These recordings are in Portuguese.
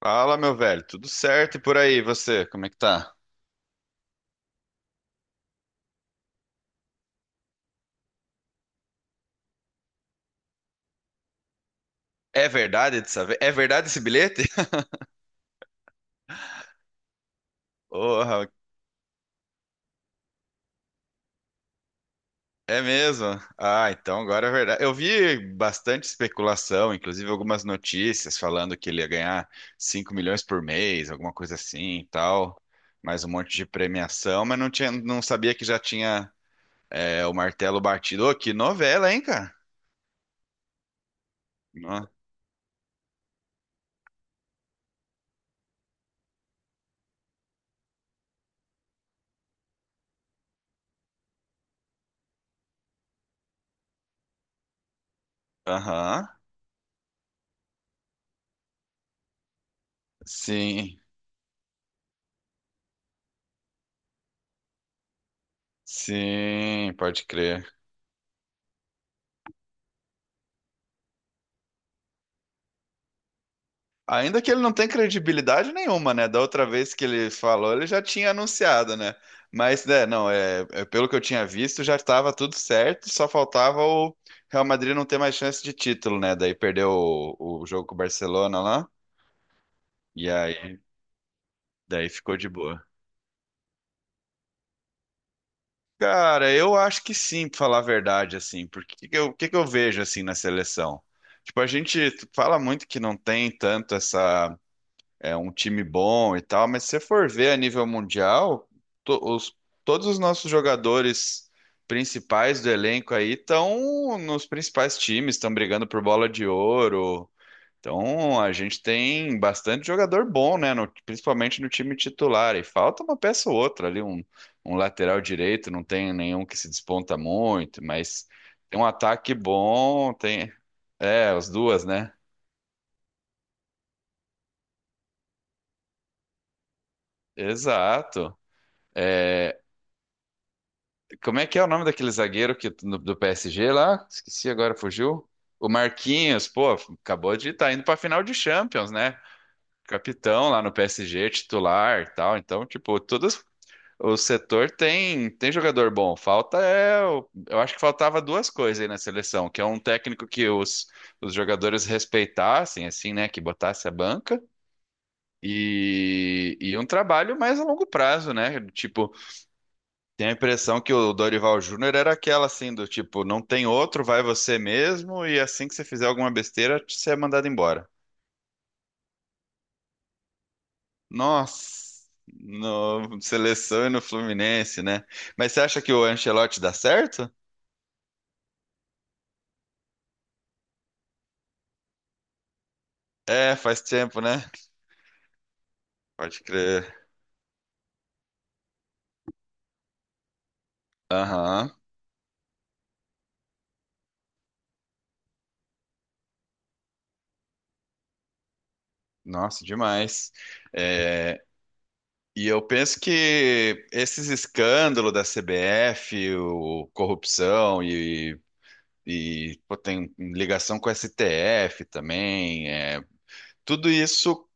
Fala, meu velho, tudo certo e por aí, você, como é que tá? É verdade dessa vez? É verdade esse bilhete? Porra, é mesmo? Ah, então agora é verdade. Eu vi bastante especulação, inclusive algumas notícias falando que ele ia ganhar 5 milhões por mês, alguma coisa assim e tal, mais um monte de premiação, mas não tinha, não sabia que já tinha o martelo batido. Ô, que novela, hein, cara? No- Aham. Sim, sim, pode crer. Ainda que ele não tenha credibilidade nenhuma, né? Da outra vez que ele falou, ele já tinha anunciado, né? Mas, né, não, pelo que eu tinha visto, já estava tudo certo, só faltava o Real Madrid não ter mais chance de título, né? Daí perdeu o jogo com o Barcelona lá, e aí daí ficou de boa. Cara, eu acho que sim, pra falar a verdade, assim, porque que eu vejo, assim, na seleção? Tipo, a gente fala muito que não tem tanto essa, é um time bom e tal, mas se você for ver a nível mundial, to- os- todos os nossos jogadores principais do elenco aí estão nos principais times, estão brigando por bola de ouro. Então a gente tem bastante jogador bom, né? Principalmente no time titular. E falta uma peça ou outra ali, um lateral direito, não tem nenhum que se desponta muito, mas tem um ataque bom, tem. É, as duas, né? Exato. É. Como é que é o nome daquele zagueiro do PSG lá? Esqueci agora, fugiu? O Marquinhos, pô, acabou de estar indo para final de Champions, né? Capitão lá no PSG, titular, e tal. Então, tipo, todos o setor tem jogador bom. Eu acho que faltava duas coisas aí na seleção, que é um técnico que os jogadores respeitassem, assim, né? Que botasse a banca. E um trabalho mais a longo prazo, né? Tipo, tenho a impressão que o Dorival Júnior era aquela assim do tipo, não tem outro, vai você mesmo e assim que você fizer alguma besteira, você é mandado embora. Nossa, no seleção e no Fluminense, né? Mas você acha que o Ancelotti dá certo? É, faz tempo, né? Pode crer. Aham. Nossa, demais. É, e eu penso que esses escândalos da CBF, o, corrupção e E pô, tem ligação com o STF também. É, tudo isso,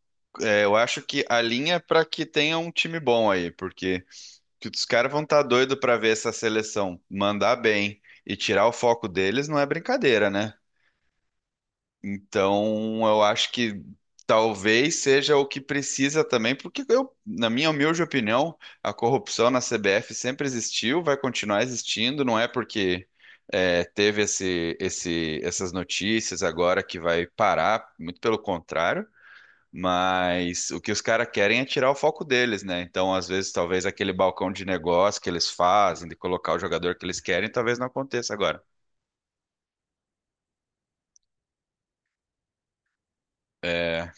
é, eu acho que alinha para que tenha um time bom aí, porque que os caras vão estar tá doidos para ver essa seleção mandar bem e tirar o foco deles não é brincadeira, né? Então, eu acho que talvez seja o que precisa também, porque eu, na minha humilde opinião, a corrupção na CBF sempre existiu, vai continuar existindo, não é porque teve essas notícias agora que vai parar, muito pelo contrário. Mas o que os caras querem é tirar o foco deles, né? Então, às vezes, talvez aquele balcão de negócio que eles fazem, de colocar o jogador que eles querem, talvez não aconteça agora. É,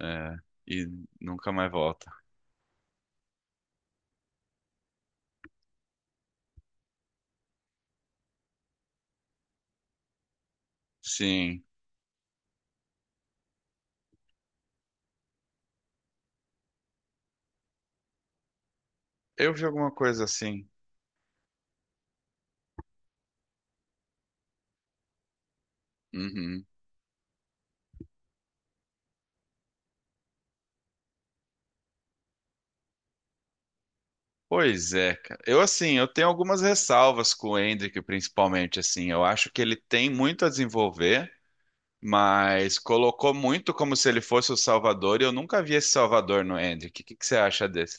é, e nunca mais volta. Sim. Eu vi alguma coisa assim. Uhum. Pois é, cara. Eu, assim, eu tenho algumas ressalvas com o Endrick, principalmente, assim. Eu acho que ele tem muito a desenvolver, mas colocou muito como se ele fosse o Salvador, e eu nunca vi esse Salvador no Endrick. O que você acha desse?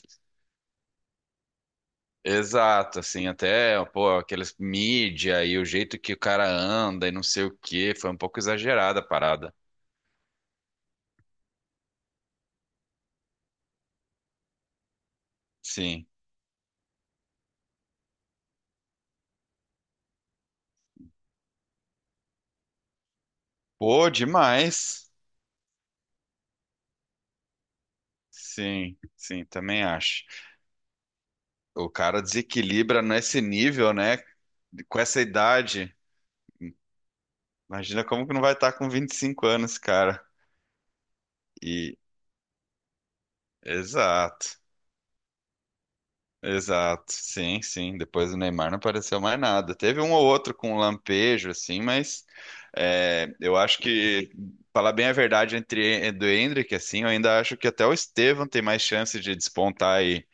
Exato, assim, até, pô, aqueles mídia e o jeito que o cara anda e não sei o quê, foi um pouco exagerada a parada. Sim. Pô, demais. Sim, sim, também acho. O cara desequilibra nesse nível, né? Com essa idade. Imagina como que não vai estar com 25 anos, cara. E exato. Exato. Sim, sim. Depois do Neymar não apareceu mais nada. Teve um ou outro com um lampejo, assim, mas é, eu acho que, falar bem a verdade, entre do Endrick, assim, eu ainda acho que até o Estevão tem mais chance de despontar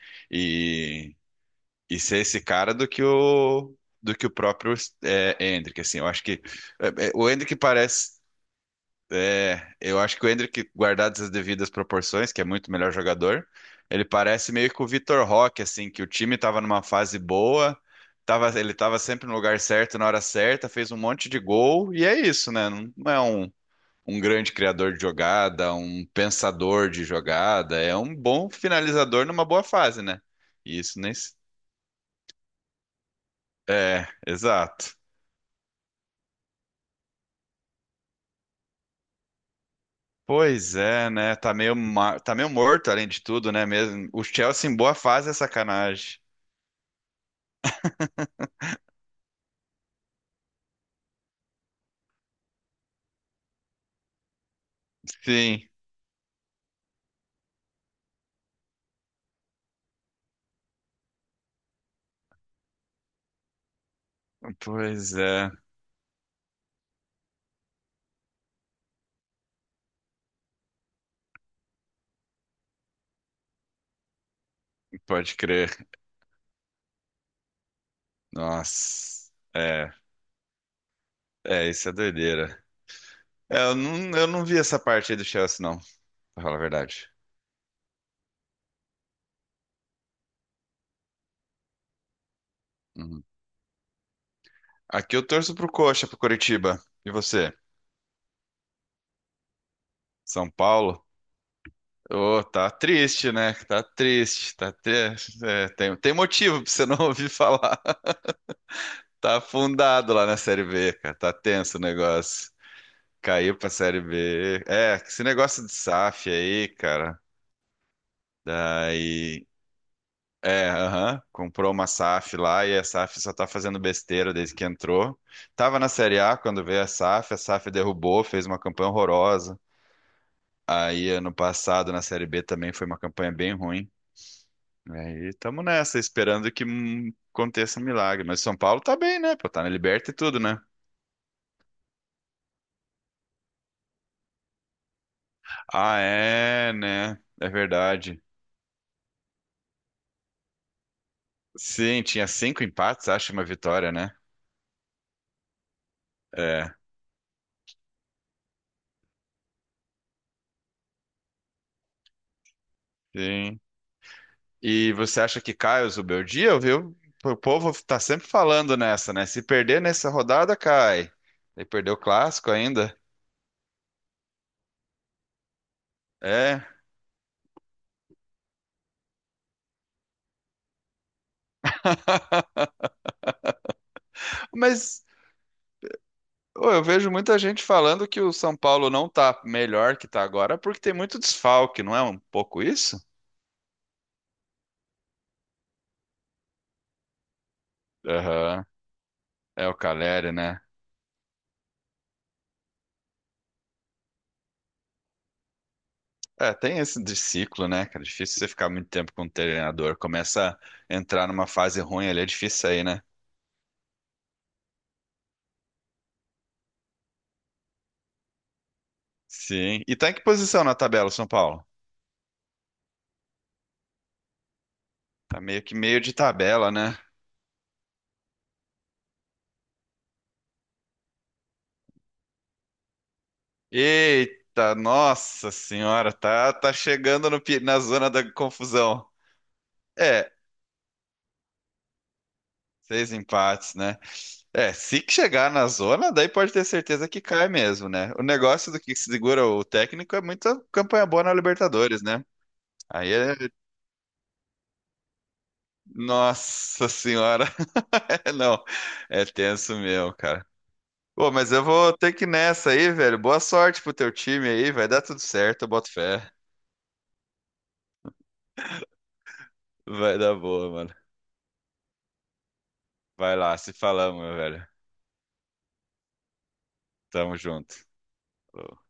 e ser esse cara do que o próprio Hendrick, assim, eu acho que o Hendrick parece, é, eu acho que o Hendrick, guardadas as devidas proporções, que é muito melhor jogador, ele parece meio que o Vitor Roque, assim, que o time estava numa fase boa, tava, ele estava sempre no lugar certo, na hora certa, fez um monte de gol e é isso, né? Não, não é um Um grande criador de jogada, um pensador de jogada, é um bom finalizador numa boa fase, né? E isso nem, se- É, exato. Pois é, né? Tá meio, tá meio morto, além de tudo, né? Mesmo. O Chelsea em boa fase é sacanagem. Sim, pois é, pode crer. Nossa, isso é doideira. É, eu não vi essa parte aí do Chelsea, não, pra falar a verdade. Uhum. Aqui eu torço pro Coxa, pro Coritiba. E você? São Paulo? Ô, tá triste, né? Tá triste, tá triste. É, tem motivo pra você não ouvir falar. Tá afundado lá na Série B, cara. Tá tenso o negócio. Caiu pra Série B. É, esse negócio de SAF aí, cara. Daí. É, aham, comprou uma SAF lá e a SAF só tá fazendo besteira desde que entrou. Tava na Série A quando veio a SAF derrubou, fez uma campanha horrorosa. Aí ano passado na Série B também foi uma campanha bem ruim. Aí estamos nessa, esperando que aconteça um milagre. Mas São Paulo tá bem, né? Pô, tá na Liberta e tudo, né? Ah, é, né? É verdade. Sim, tinha 5 empates, acho, e uma vitória, né? É, sim. E você acha que cai o Zubeldia, viu? O povo tá sempre falando nessa, né? Se perder nessa rodada, cai. E perdeu o clássico ainda. É. Mas ô, eu vejo muita gente falando que o São Paulo não tá melhor que tá agora porque tem muito desfalque, não é um pouco isso? Aham. É o Caleri, né? É, tem esse de ciclo, né, cara? É difícil você ficar muito tempo com um treinador. Começa a entrar numa fase ruim ali, é difícil sair, né? Sim. E tá em que posição na tabela, o São Paulo? Tá meio que meio de tabela, né? Eita, nossa senhora, tá, tá chegando no na zona da confusão. É, seis empates, né? É, se que chegar na zona, daí pode ter certeza que cai mesmo, né? O negócio do que segura o técnico é muita campanha boa na Libertadores, né? Aí é. Nossa senhora, não, é tenso mesmo, cara. Pô, mas eu vou ter que ir nessa aí, velho. Boa sorte pro teu time aí, vai dar tudo certo, eu boto fé. Vai dar boa, mano. Vai lá, se falamos, meu velho. Tamo junto.